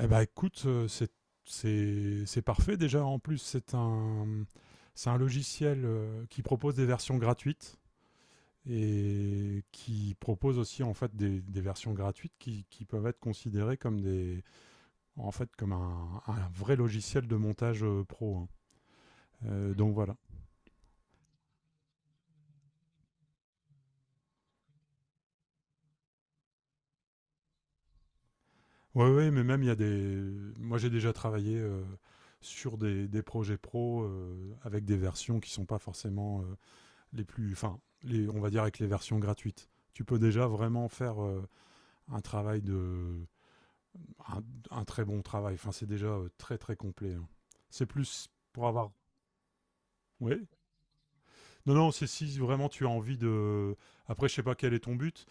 Eh ben, écoute, c'est parfait déjà. En plus, c'est un logiciel qui propose des versions gratuites et qui propose aussi en fait des versions gratuites qui peuvent être considérées comme des, en fait, comme un vrai logiciel de montage pro, hein. Donc voilà. Ouais, ouais, mais même il y a des. Moi, j'ai déjà travaillé sur des projets pro avec des versions qui sont pas forcément les plus, enfin, les, on va dire avec les versions gratuites. Tu peux déjà vraiment faire un travail de, un, un très bon travail. Enfin, c'est déjà très très complet, hein. C'est plus pour avoir. Oui. Non, non, c'est si vraiment tu as envie de. Après, je sais pas quel est ton but,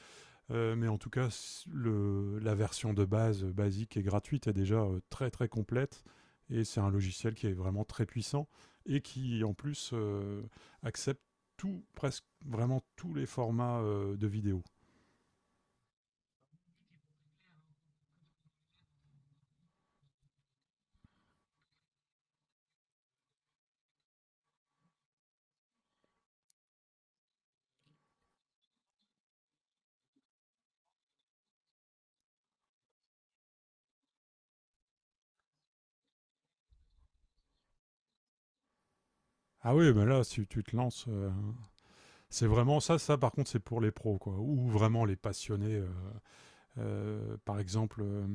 mais en tout cas, le, la version de base basique et gratuite est déjà très très complète. Et c'est un logiciel qui est vraiment très puissant et qui en plus accepte tout, presque vraiment tous les formats de vidéos. Ah oui, mais là, si tu te lances, c'est vraiment ça. Ça, par contre, c'est pour les pros, quoi, ou vraiment les passionnés. Par exemple,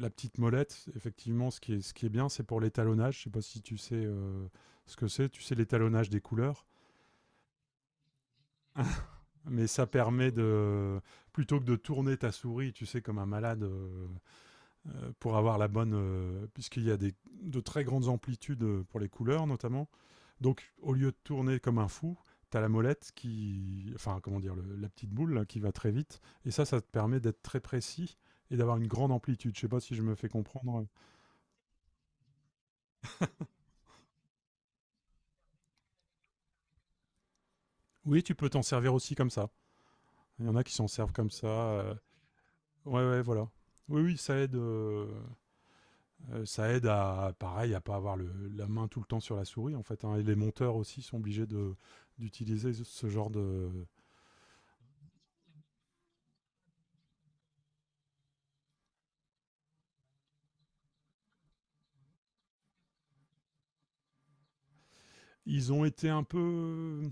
la petite molette, effectivement, ce qui est bien, c'est pour l'étalonnage. Je sais pas si tu sais ce que c'est. Tu sais l'étalonnage des couleurs, mais ça permet de plutôt que de tourner ta souris, tu sais, comme un malade, pour avoir la bonne, puisqu'il y a des, de très grandes amplitudes pour les couleurs notamment. Donc au lieu de tourner comme un fou, tu as la molette qui, enfin comment dire, la petite boule là, qui va très vite, et ça te permet d'être très précis et d'avoir une grande amplitude. Je sais pas si je me fais comprendre. Oui, tu peux t'en servir aussi comme ça. Il y en a qui s'en servent comme ça. Ouais, ouais, voilà. Oui, oui, ça aide. Ça aide à, pareil, à pas avoir le, la main tout le temps sur la souris, en fait, hein. Et les monteurs aussi sont obligés de d'utiliser ce genre de. Ils ont été un peu.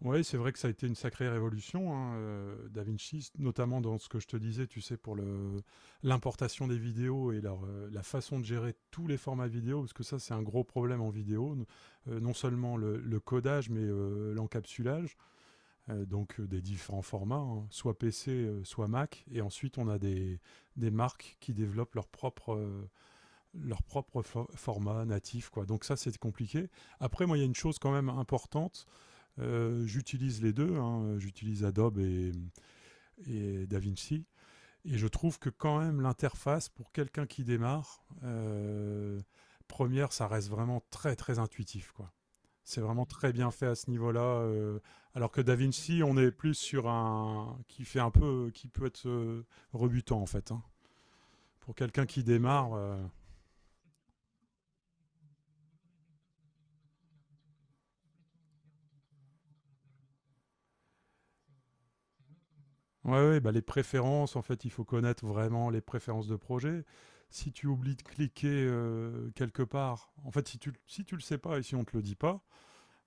Ouais, c'est vrai que ça a été une sacrée révolution, hein, Da Vinci, notamment dans ce que je te disais, tu sais, pour le l'importation des vidéos et leur, la façon de gérer tous les formats vidéo, parce que ça, c'est un gros problème en vidéo, non seulement le codage, mais l'encapsulage. Donc des différents formats, hein, soit PC, soit Mac, et ensuite on a des marques qui développent leur propre format natif, quoi. Donc ça, c'est compliqué. Après, moi, il y a une chose quand même importante. J'utilise les deux, hein. J'utilise Adobe et DaVinci. Et je trouve que quand même l'interface, pour quelqu'un qui démarre, première, ça reste vraiment très, très intuitif, quoi. C'est vraiment très bien fait à ce niveau-là. Alors que Da Vinci, on est plus sur un qui fait un peu, qui peut être rebutant en fait, hein. Pour quelqu'un qui démarre, ouais, ouais, bah les préférences, en fait, il faut connaître vraiment les préférences de projet. Si tu oublies de cliquer quelque part, en fait, si tu le sais pas et si on te le dit pas,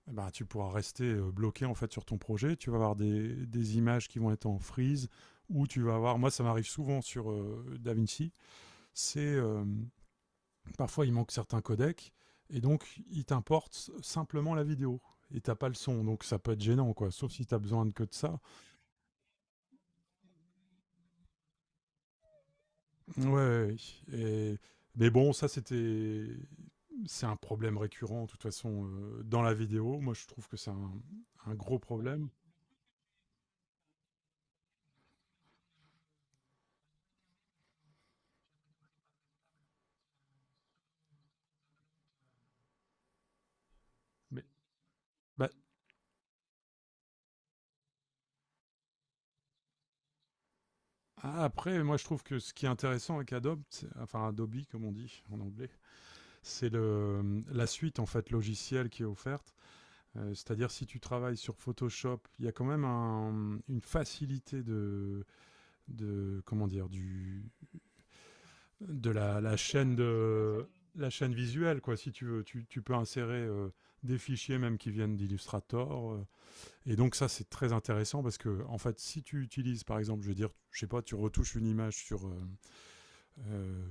eh ben, tu pourras rester bloqué en fait sur ton projet. Tu vas avoir des images qui vont être en freeze ou tu vas avoir. Moi, ça m'arrive souvent sur Da Vinci, c'est parfois il manque certains codecs, et donc il t'importe simplement la vidéo. Et t'as pas le son, donc ça peut être gênant, quoi. Sauf si t'as besoin de que de ça. Ouais, ouais, ouais. Et... Mais bon, c'est un problème récurrent de toute façon dans la vidéo. Moi, je trouve que c'est un gros problème. Mais bah, ah, après, moi, je trouve que ce qui est intéressant avec Adobe, c'est- enfin Adobe comme on dit en anglais, c'est le la suite en fait logicielle qui est offerte. C'est-à-dire si tu travailles sur Photoshop, il y a quand même une facilité de comment dire du de la, la chaîne de la chaîne visuelle, quoi. Si tu veux, tu peux insérer des fichiers même qui viennent d'Illustrator. Et donc ça c'est très intéressant parce que en fait si tu utilises par exemple, je veux dire, je sais pas, tu retouches une image sur,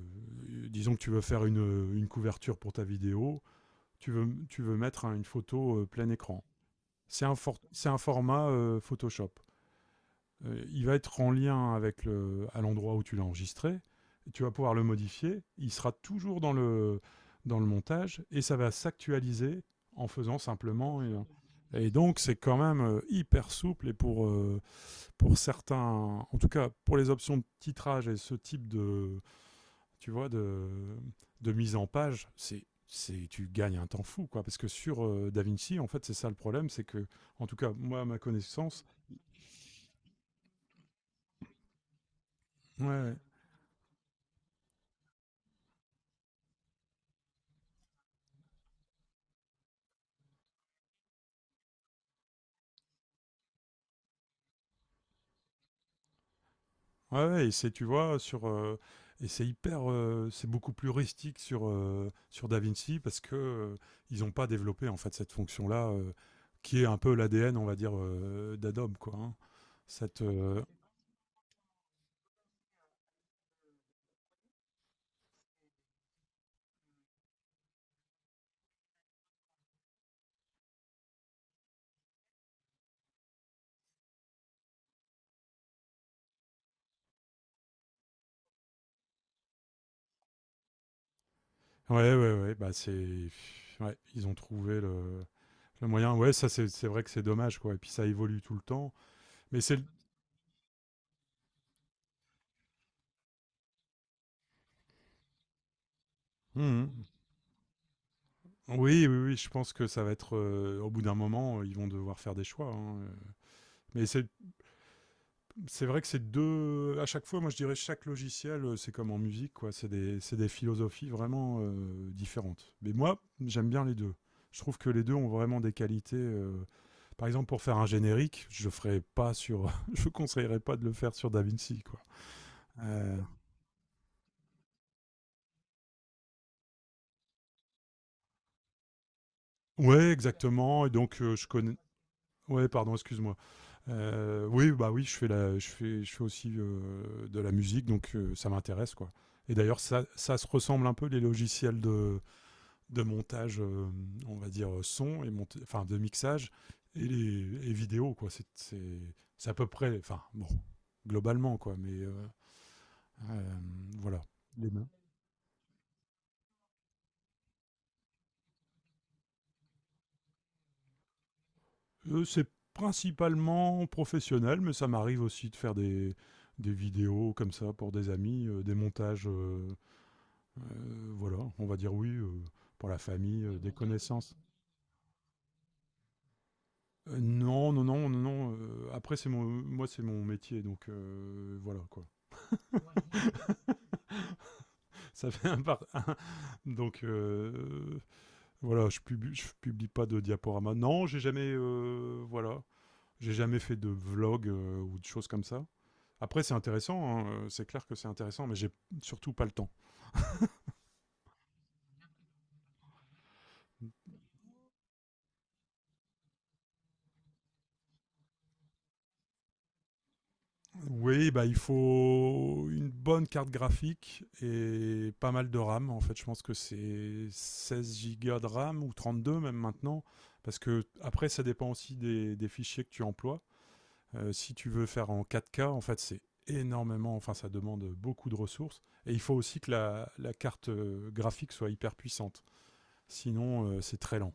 disons que tu veux faire une couverture pour ta vidéo, tu veux mettre hein, une photo plein écran. C'est un, c'est un format Photoshop. Il va être en lien avec le, à l'endroit où tu l'as enregistré. Tu vas pouvoir le modifier. Il sera toujours dans le montage et ça va s'actualiser en faisant simplement. Et donc, c'est quand même hyper souple et pour certains, en tout cas pour les options de titrage et ce type de, tu vois, de mise en page, c'est tu gagnes un temps fou quoi parce que sur DaVinci en fait c'est ça le problème c'est que en tout cas moi à ma connaissance. Ouais, ouais, ouais, et c'est tu vois sur et c'est hyper c'est beaucoup plus rustique sur sur DaVinci parce que ils n'ont pas développé en fait cette fonction là qui est un peu l'ADN on va dire d'Adobe quoi hein. cette ouais ouais ouais bah c'est ouais ils ont trouvé le moyen, ouais, ça c'est vrai que c'est dommage, quoi. Et puis ça évolue tout le temps. Mais c'est le- Mhm. Oui, oui, oui, je pense que ça va être au bout d'un moment, ils vont devoir faire des choix, hein, mais c'est vrai que c'est deux à chaque fois. Moi, je dirais chaque logiciel, c'est comme en musique, quoi. C'est des philosophies vraiment différentes. Mais moi, j'aime bien les deux. Je trouve que les deux ont vraiment des qualités. Par exemple, pour faire un générique, je ferais pas sur, je conseillerais pas de le faire sur DaVinci, quoi. Euh, Ouais, exactement. Et donc, je connais, ouais, pardon, excuse-moi. Oui, bah oui, je fais aussi de la musique, donc ça m'intéresse, quoi. Et d'ailleurs, ça se ressemble un peu les logiciels de montage, on va dire son et enfin de mixage et les et vidéo quoi. C'est à peu près, enfin bon, globalement, quoi. Mais euh, voilà. Les mains. C'est principalement professionnel, mais ça m'arrive aussi de faire des vidéos comme ça pour des amis, des montages. Voilà, on va dire oui pour la famille, des connaissances. Non, non, non, non, non. Après, c'est mon, moi, c'est mon métier, donc voilà quoi. Ça fait un par un, donc voilà, je publie pas de diaporama. Non, j'ai jamais, voilà, j'ai jamais fait de vlog ou de choses comme ça. Après, c'est intéressant, hein, c'est clair que c'est intéressant, mais j'ai surtout pas le temps. Oui, bah, il faut une bonne carte graphique et pas mal de RAM. En fait, je pense que c'est 16 Go de RAM ou 32 même maintenant. Parce que après, ça dépend aussi des fichiers que tu emploies. Si tu veux faire en 4K, en fait, c'est énormément, enfin, ça demande beaucoup de ressources. Et il faut aussi que la carte graphique soit hyper puissante. Sinon, c'est très lent.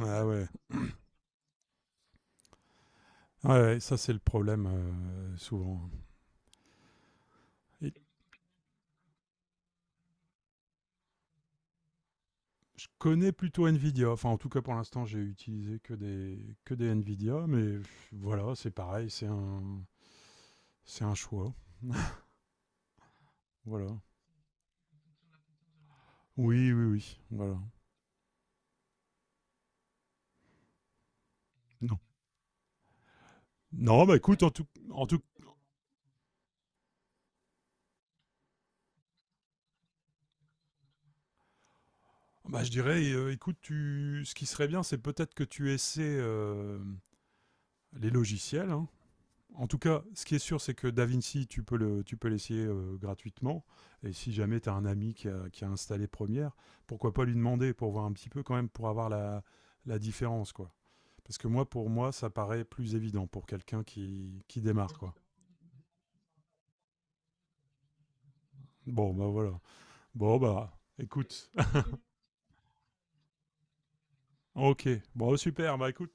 Ah ouais. Ouais, ouais, ça c'est le problème souvent. Et je connais plutôt Nvidia. Enfin, en tout cas, pour l'instant, j'ai utilisé que que des Nvidia. Mais voilà, c'est pareil, c'est un choix. Voilà. Oui, oui, oui. Voilà. Non. Non, bah écoute, en tout, bah, je dirais, écoute, tu, ce qui serait bien, c'est peut-être que tu essaies les logiciels, hein. En tout cas, ce qui est sûr, c'est que DaVinci, tu peux l'essayer gratuitement. Et si jamais tu as un ami qui a installé Premiere, pourquoi pas lui demander pour voir un petit peu quand même, pour avoir la, la différence, quoi. Parce que moi, pour moi, ça paraît plus évident pour quelqu'un qui démarre, quoi. Bon, bah voilà. Bon, bah, écoute. ok. Bon, super. Bah, écoute,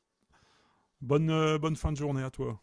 bonne, bonne fin de journée à toi.